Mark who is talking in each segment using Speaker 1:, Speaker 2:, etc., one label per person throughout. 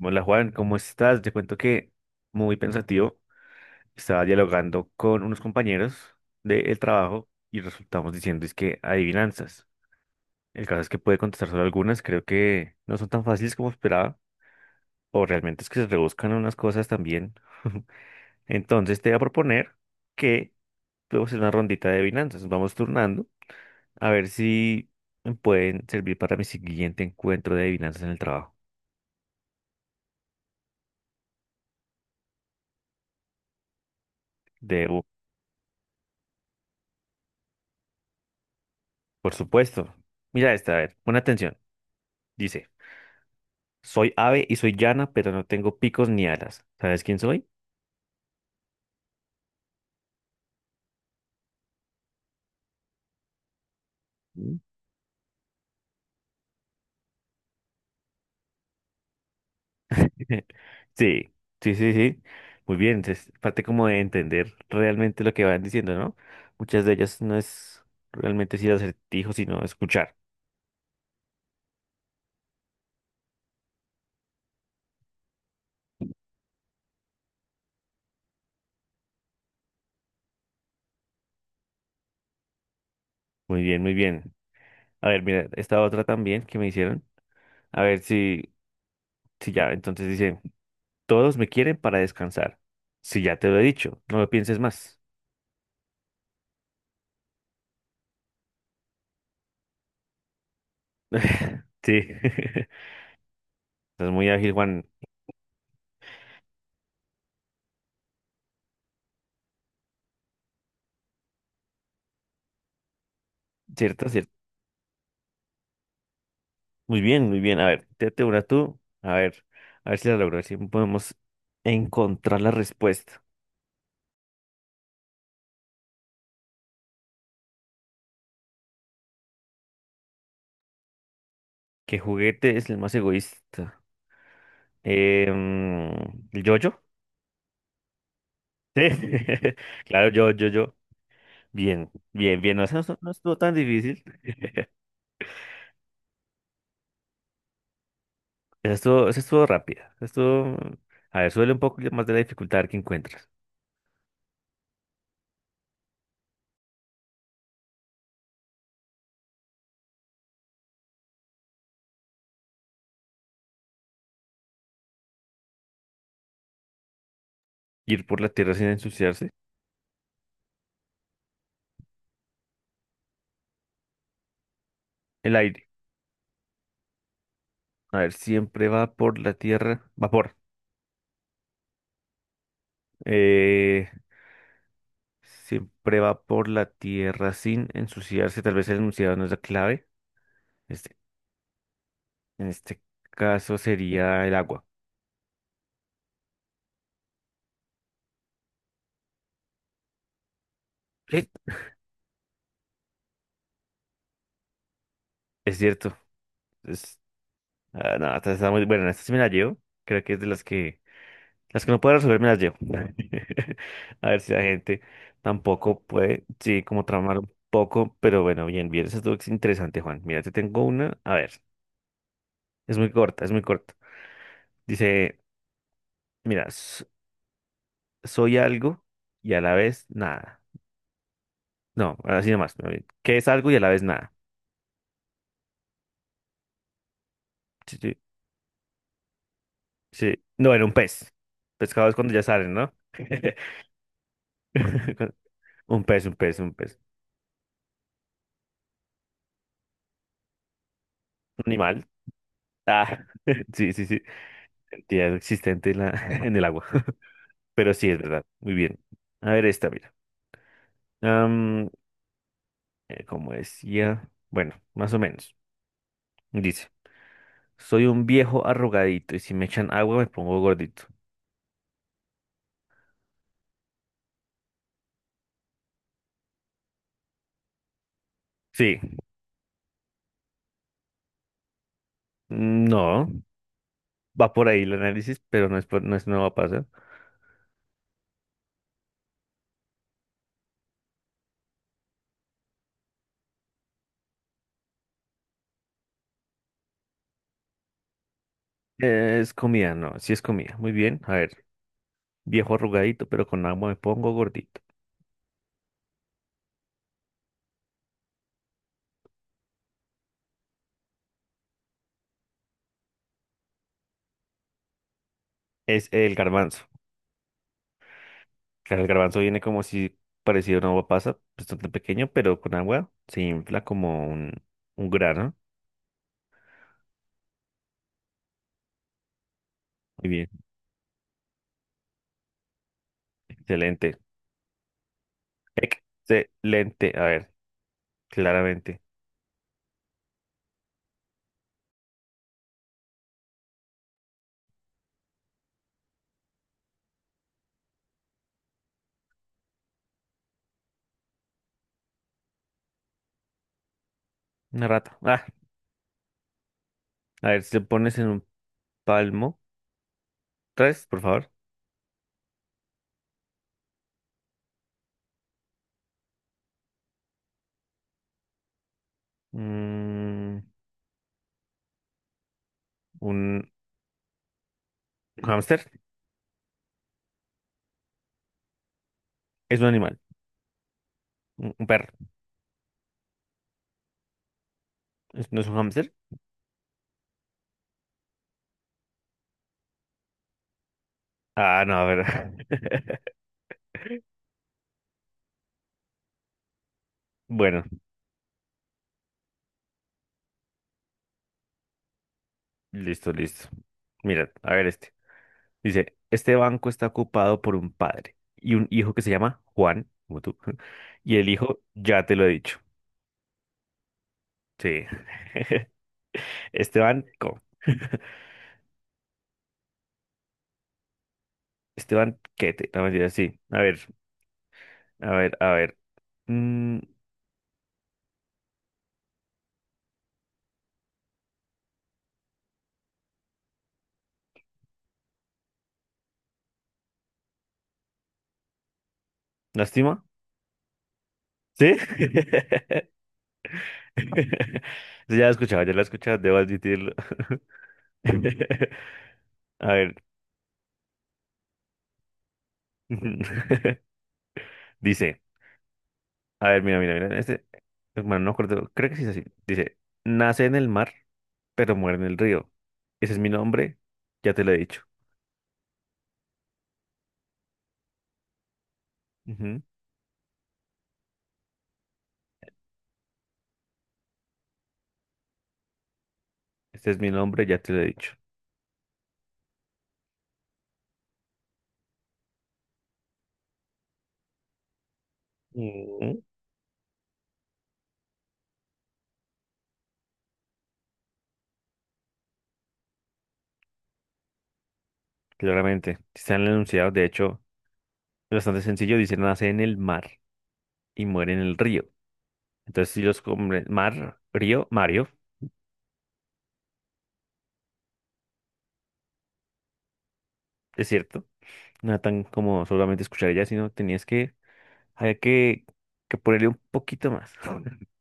Speaker 1: Hola Juan, ¿cómo estás? Te cuento que muy pensativo, estaba dialogando con unos compañeros del trabajo y resultamos diciendo es que adivinanzas. El caso es que puede contestar solo algunas, creo que no son tan fáciles como esperaba, o realmente es que se rebuscan unas cosas también. Entonces te voy a proponer que podemos hacer una rondita de adivinanzas, nos vamos turnando a ver si me pueden servir para mi siguiente encuentro de adivinanzas en el trabajo. De, por supuesto. Mira esta, a ver, pon atención. Dice. Soy ave y soy llana, pero no tengo picos ni alas. ¿Sabes quién soy? Mm. Sí, sí, sí, sí. Muy bien, es parte como de entender realmente lo que van diciendo, ¿no? Muchas de ellas no es realmente decir acertijo, sino escuchar. Muy bien, muy bien. A ver, mira, esta otra también que me hicieron. A ver si, si ya, entonces dice, todos me quieren para descansar. Si ya te lo he dicho, no lo pienses más. Sí. Estás muy ágil, Juan. ¿Cierto? Muy bien, muy bien. A ver, tírate una tú. A ver si la logro, a ver si podemos encontrar la respuesta. ¿Qué juguete es el más egoísta? Em, ¿El yo-yo? Sí, claro, yo, yo, yo. Bien, bien, bien. No, esa no, no estuvo tan difícil. Esa estuvo rápida. Esa estuvo... A ver, suele un poco más de la dificultad que encuentras. Ir por la tierra sin ensuciarse. El aire. A ver, siempre va por la tierra. Vapor. Eh, Siempre va por la tierra sin ensuciarse. Tal vez el enunciado no es la clave. Este, en este caso sería el agua. Sí, es cierto. Es, ah, no, esta está muy bueno. Esta sí me la llevo. Creo que es de las que no puedo resolver me las llevo. A ver si la gente tampoco puede, sí, como tramar un poco, pero bueno, bien, bien. Eso es interesante, Juan. Mira, te tengo una. A ver, es muy corta, es muy corta. Dice, mira, soy algo y a la vez nada. No, así nomás. A ver, ¿qué es algo y a la vez nada? Sí, sí, sí. No, era un pez. Pescado es cuando ya salen, ¿no? Un pez, un pez, un pez. Un animal. Ah, sí, sí, sí. Ya existente en la, en el agua. Pero sí, es verdad. Muy bien. A ver esta, mira. Am, como decía, bueno, más o menos. Dice, soy un viejo arrugadito y si me echan agua me pongo gordito. Sí, no, va por ahí el análisis, pero no es, no es, no va a pasar. Es comida, no, sí es comida. Muy bien. A ver, viejo arrugadito, pero con agua me pongo gordito. Es el garbanzo. Claro, el garbanzo viene como si parecido a una uva pasa, bastante pequeño, pero con agua se infla como un grano. Muy bien, excelente. Excelente. A ver, claramente. Una rata. Ah, a ver, si te pones en un palmo. Tres, por favor. Mm, un hámster. Es un animal. Un perro. ¿Es- ¿No es un hámster? Ah, no, a ver. Bueno. Listo, listo. Mira, a ver este. Dice, este banco está ocupado por un padre y un hijo que se llama Juan, como tú. Y el hijo, ya te lo he dicho. Sí. Este banco. Este banquete. No, mentira, sí. A ver, a ver, a ver. Mm, ¿lástima? ¿Sí? Sí, ya lo he escuchado, ya lo he escuchado, debo admitirlo. A ver. Dice. A ver, mira, mira, mira. Este, hermano, no acuerdo. Creo que sí es así. Dice, nace en el mar, pero muere en el río. Ese es mi nombre, ya te lo he dicho. Ujú. Este es mi nombre, ya te lo he dicho. Mm. Claramente. Está en el enunciado, de hecho, es bastante sencillo. Dice, nace en el mar y muere en el río. Entonces, si los combres, mar, río, Mario, es cierto. No era tan como solamente escuchar ella, sino tenías que, había que ponerle un poquito más.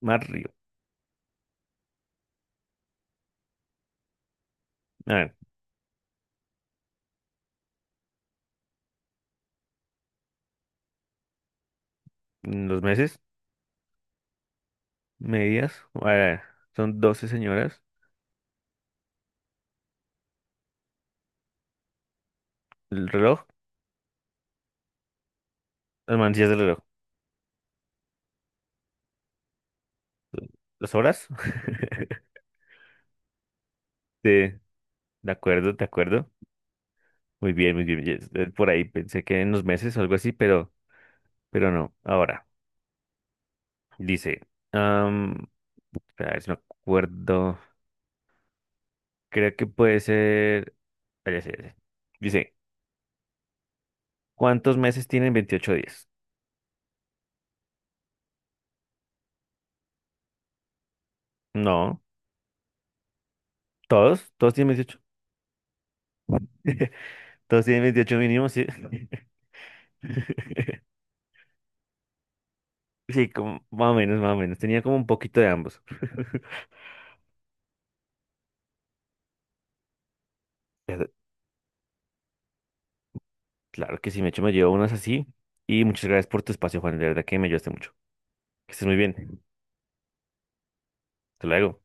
Speaker 1: Mar, río. A ver, los meses. Medias. Son 12 señoras. El reloj, las manecillas del reloj. ¿Las horas? Sí, de acuerdo, de acuerdo. Muy bien, muy bien. Yes, por ahí pensé que en los meses o algo así, pero no. Ahora, dice, am, espera, a ver si me acuerdo. Creo que puede ser. Ah, ya sé, ya sé. Dice, ¿cuántos meses tienen 28 días? No, todos, todos tienen 28. Todos tienen 28 mínimo, sí. Sí, como, más o menos, más o menos. Tenía como un poquito de ambos. Pero claro que sí, me hecho me llevo unas así. Y muchas gracias por tu espacio, Juan. De verdad que me ayudaste mucho. Que estés muy bien. Hasta luego.